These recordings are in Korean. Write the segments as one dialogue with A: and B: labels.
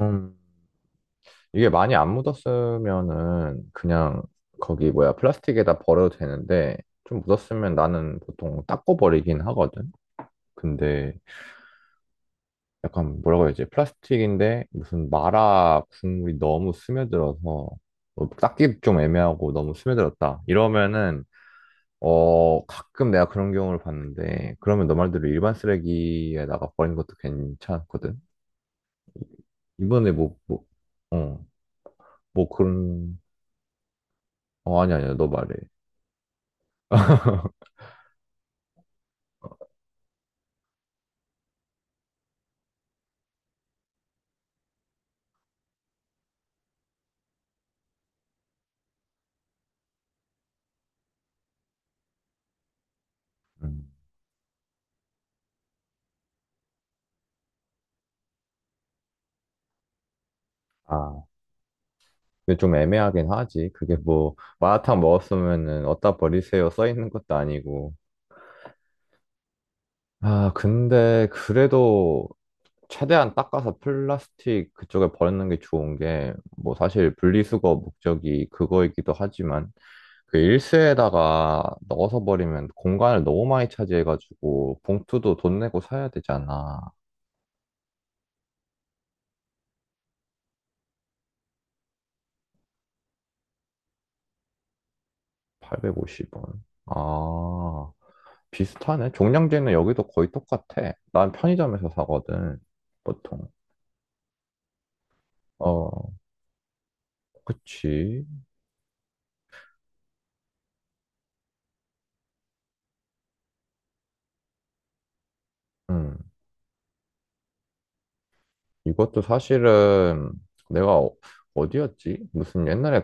A: 음, 이게 많이 안 묻었으면은 그냥 거기 뭐야 플라스틱에다 버려도 되는데 좀 묻었으면 나는 보통 닦고 버리긴 하거든. 근데 약간 뭐라고 해야지 플라스틱인데 무슨 마라 국물이 너무 스며들어서 뭐 닦기 좀 애매하고 너무 스며들었다 이러면은 가끔 내가 그런 경우를 봤는데, 그러면 너 말대로 일반 쓰레기에다가 버린 것도 괜찮거든. 이번에 어, 뭐 그런, 아니, 아니야. 너 말해. 음. 아, 근데 좀 애매하긴 하지. 그게 뭐, 마라탕 먹었으면은 어디다 버리세요 써 있는 것도 아니고. 아, 근데 그래도 최대한 닦아서 플라스틱 그쪽에 버리는 게 좋은 게, 뭐 사실 분리수거 목적이 그거이기도 하지만, 그 일수에다가 넣어서 버리면 공간을 너무 많이 차지해가지고 봉투도 돈 내고 사야 되잖아. 850원. 아. 비슷하네. 종량제는 여기도 거의 똑같아. 난 편의점에서 사거든, 보통. 어, 그치. 음. 이것도 사실은 내가 어디였지? 무슨 옛날에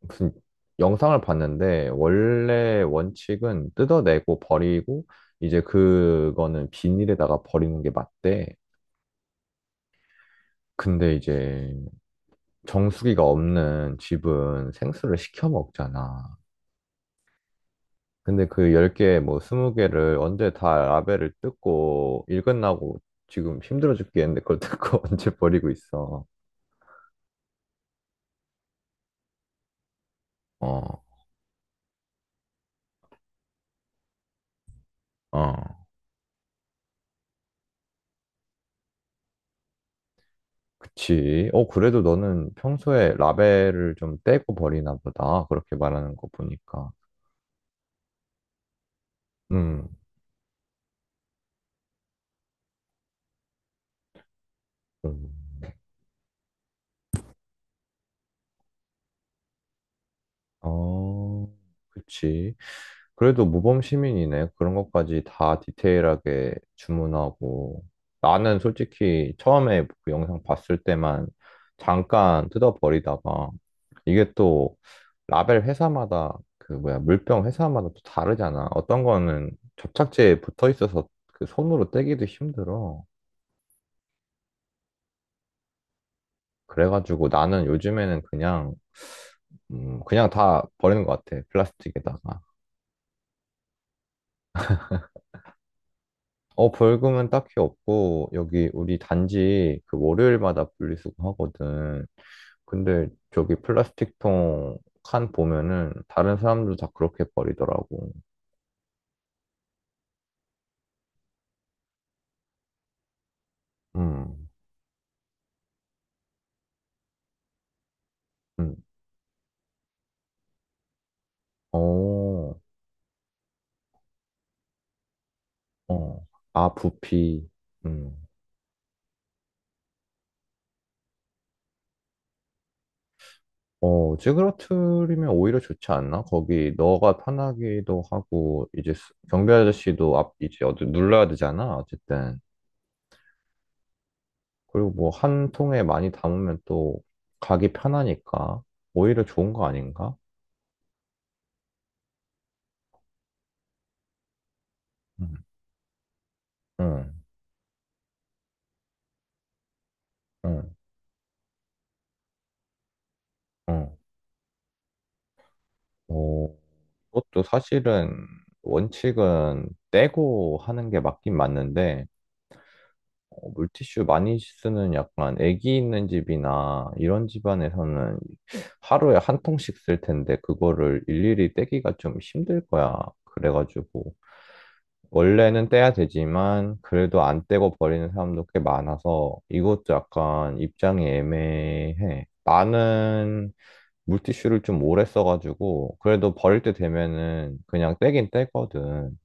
A: 무슨 영상을 봤는데, 원래 원칙은 뜯어내고 버리고, 이제 그거는 비닐에다가 버리는 게 맞대. 근데 이제 정수기가 없는 집은 생수를 시켜 먹잖아. 근데 그 10개, 뭐 20개를 언제 다 라벨을 뜯고, 일 끝나고 지금 힘들어 죽겠는데 그걸 뜯고 언제 버리고 있어. 어, 어. 그치. 어, 그래도 너는 평소에 라벨을 좀 떼고 버리나 보다. 그렇게 말하는 거 보니까. 음, 음. 어, 그치. 그래도 모범 시민이네. 그런 것까지 다 디테일하게 주문하고. 나는 솔직히 처음에 그 영상 봤을 때만 잠깐 뜯어버리다가, 이게 또 라벨 회사마다 그 뭐야 물병 회사마다 또 다르잖아. 어떤 거는 접착제에 붙어 있어서 그 손으로 떼기도 힘들어. 그래가지고 나는 요즘에는 그냥 그냥 다 버리는 것 같아. 플라스틱에다가. 어, 벌금은 딱히 없고, 여기 우리 단지 그 월요일마다 분리수거 하거든. 근데 저기 플라스틱 통 칸 보면은 다른 사람들 다 그렇게 버리더라고. 음, 음, 어, 어. 아, 부피. 음. 어, 찌그러트리면 오히려 좋지 않나? 거기 너가 편하기도 하고, 이제 경비 아저씨도 앞, 이제 어디 눌러야 되잖아, 어쨌든. 그리고 뭐 한 통에 많이 담으면 또 가기 편하니까 오히려 좋은 거 아닌가? 응, 응, 응, 응. 뭐, 그것도 사실은 원칙은 떼고 하는 게 맞긴 맞는데, 어, 물티슈 많이 쓰는 약간 애기 있는 집이나 이런 집안에서는 하루에 한 통씩 쓸 텐데, 그거를 일일이 떼기가 좀 힘들 거야. 그래가지고 원래는 떼야 되지만 그래도 안 떼고 버리는 사람도 꽤 많아서 이것도 약간 입장이 애매해. 나는 물티슈를 좀 오래 써가지고 그래도 버릴 때 되면은 그냥 떼긴 떼거든.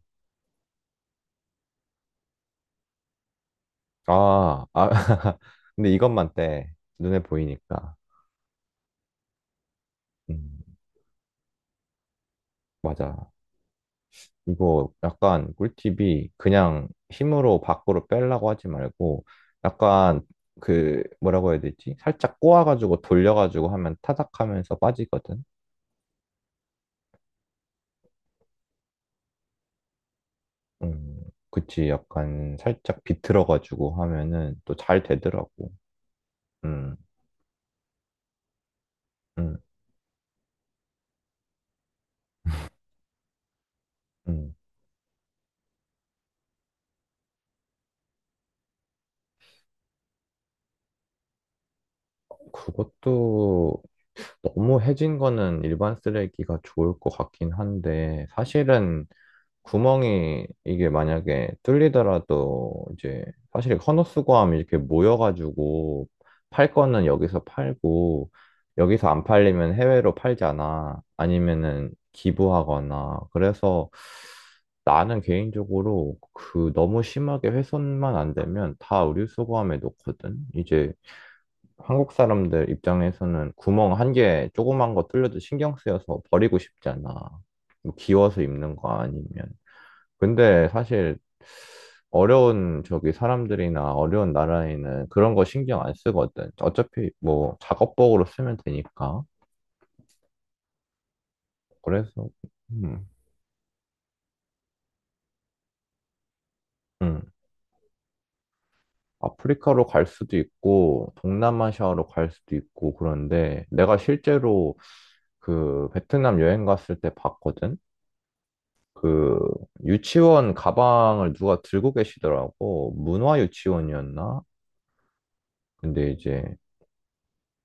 A: 아, 아. 근데 이것만 떼. 눈에 보이니까. 음, 맞아. 이거 약간 꿀팁이 그냥 힘으로 밖으로 빼려고 하지 말고 약간 그 뭐라고 해야 되지? 살짝 꼬아가지고 돌려가지고 하면 타닥하면서 빠지거든. 음, 그치. 약간 살짝 비틀어가지고 하면은 또 잘 되더라고. 음, 음, 음. 그것도 너무 해진 거는 일반 쓰레기가 좋을 것 같긴 한데, 사실은 구멍이 이게 만약에 뚫리더라도 이제 사실 헌옷수거하면 이렇게 모여가지고 팔 거는 여기서 팔고, 여기서 안 팔리면 해외로 팔잖아. 아니면은 기부하거나. 그래서 나는 개인적으로 그 너무 심하게 훼손만 안 되면 다 의류수거함에 놓거든. 이제 한국 사람들 입장에서는 구멍 한 개 조그만 거 뚫려도 신경 쓰여서 버리고 싶잖아. 뭐 기워서 입는 거 아니면. 근데 사실 어려운 저기 사람들이나 어려운 나라에는 그런 거 신경 안 쓰거든. 어차피 뭐 작업복으로 쓰면 되니까. 그래서 음, 음. 아프리카로 갈 수도 있고 동남아시아로 갈 수도 있고, 그런데 내가 실제로 그 베트남 여행 갔을 때 봤거든. 그 유치원 가방을 누가 들고 계시더라고. 문화 유치원이었나? 근데 이제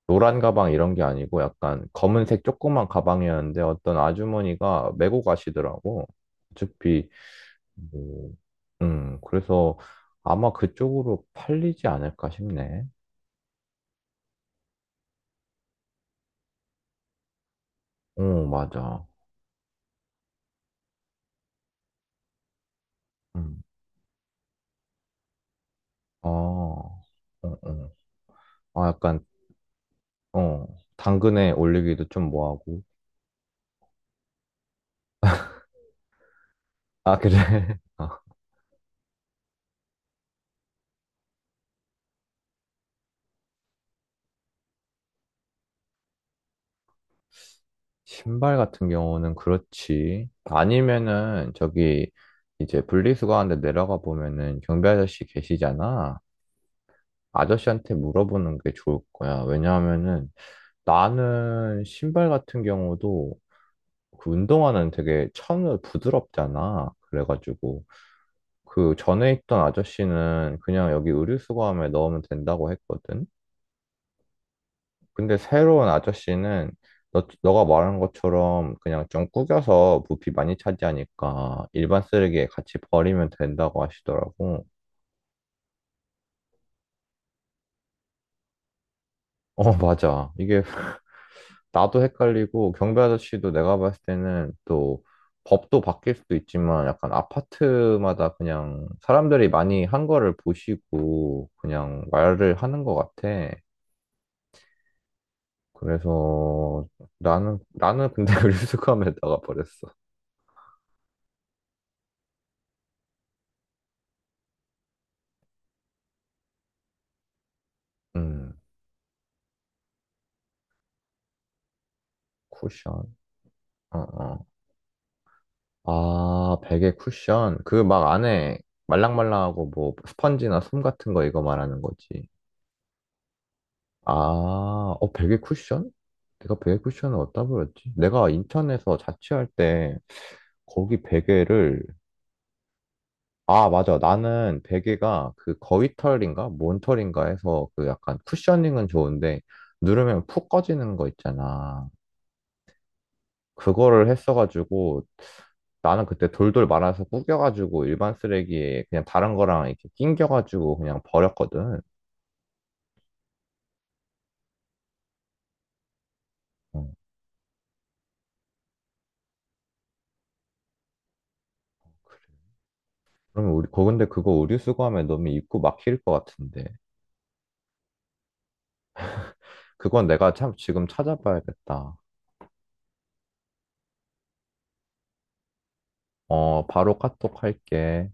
A: 노란 가방 이런 게 아니고 약간 검은색 조그만 가방이었는데 어떤 아주머니가 메고 가시더라고. 어차피 뭐, 그래서 아마 그쪽으로 팔리지 않을까 싶네. 어, 맞아. 음. 아, 어, 어. 아, 약간, 어, 당근에 올리기도 좀 뭐하고. 아, 그래. 아, 신발 같은 경우는 그렇지. 아니면은 저기 이제 분리수거하는데 내려가 보면은 경비 아저씨 계시잖아. 아저씨한테 물어보는 게 좋을 거야. 왜냐하면은 나는 신발 같은 경우도 그 운동화는 되게 천을 부드럽잖아. 그래가지고 그 전에 있던 아저씨는 그냥 여기 의류수거함에 넣으면 된다고 했거든. 근데 새로운 아저씨는 너가 말한 것처럼 그냥 좀 구겨서 부피 많이 차지하니까 일반 쓰레기에 같이 버리면 된다고 하시더라고. 어, 맞아. 이게 나도 헷갈리고 경비 아저씨도 내가 봤을 때는 또 법도 바뀔 수도 있지만 약간 아파트마다 그냥 사람들이 많이 한 거를 보시고 그냥 말을 하는 것 같아. 그래서 나는 근데 그수스감에 나가버렸어. 음. 쿠션. 어, 어. 아, 베개 쿠션. 그 막 안에 말랑말랑하고 뭐 스펀지나 솜 같은 거 이거 말하는 거지. 아, 어, 베개 쿠션? 내가 베개 쿠션을 어디다 버렸지? 내가 인천에서 자취할 때 거기 베개를, 아, 맞아. 나는 베개가 그 거위털인가 몬털인가 해서 그 약간 쿠셔닝은 좋은데 누르면 푹 꺼지는 거 있잖아. 그거를 했어가지고 나는 그때 돌돌 말아서 구겨가지고 일반 쓰레기에 그냥 다른 거랑 이렇게 낑겨가지고 그냥 버렸거든. 어, 그래. 그러면 우리, 거 근데 그거 의류 수거하면 너무 입고 막힐 것 같은데. 그건 내가 참 지금 찾아봐야겠다. 어, 바로 카톡 할게.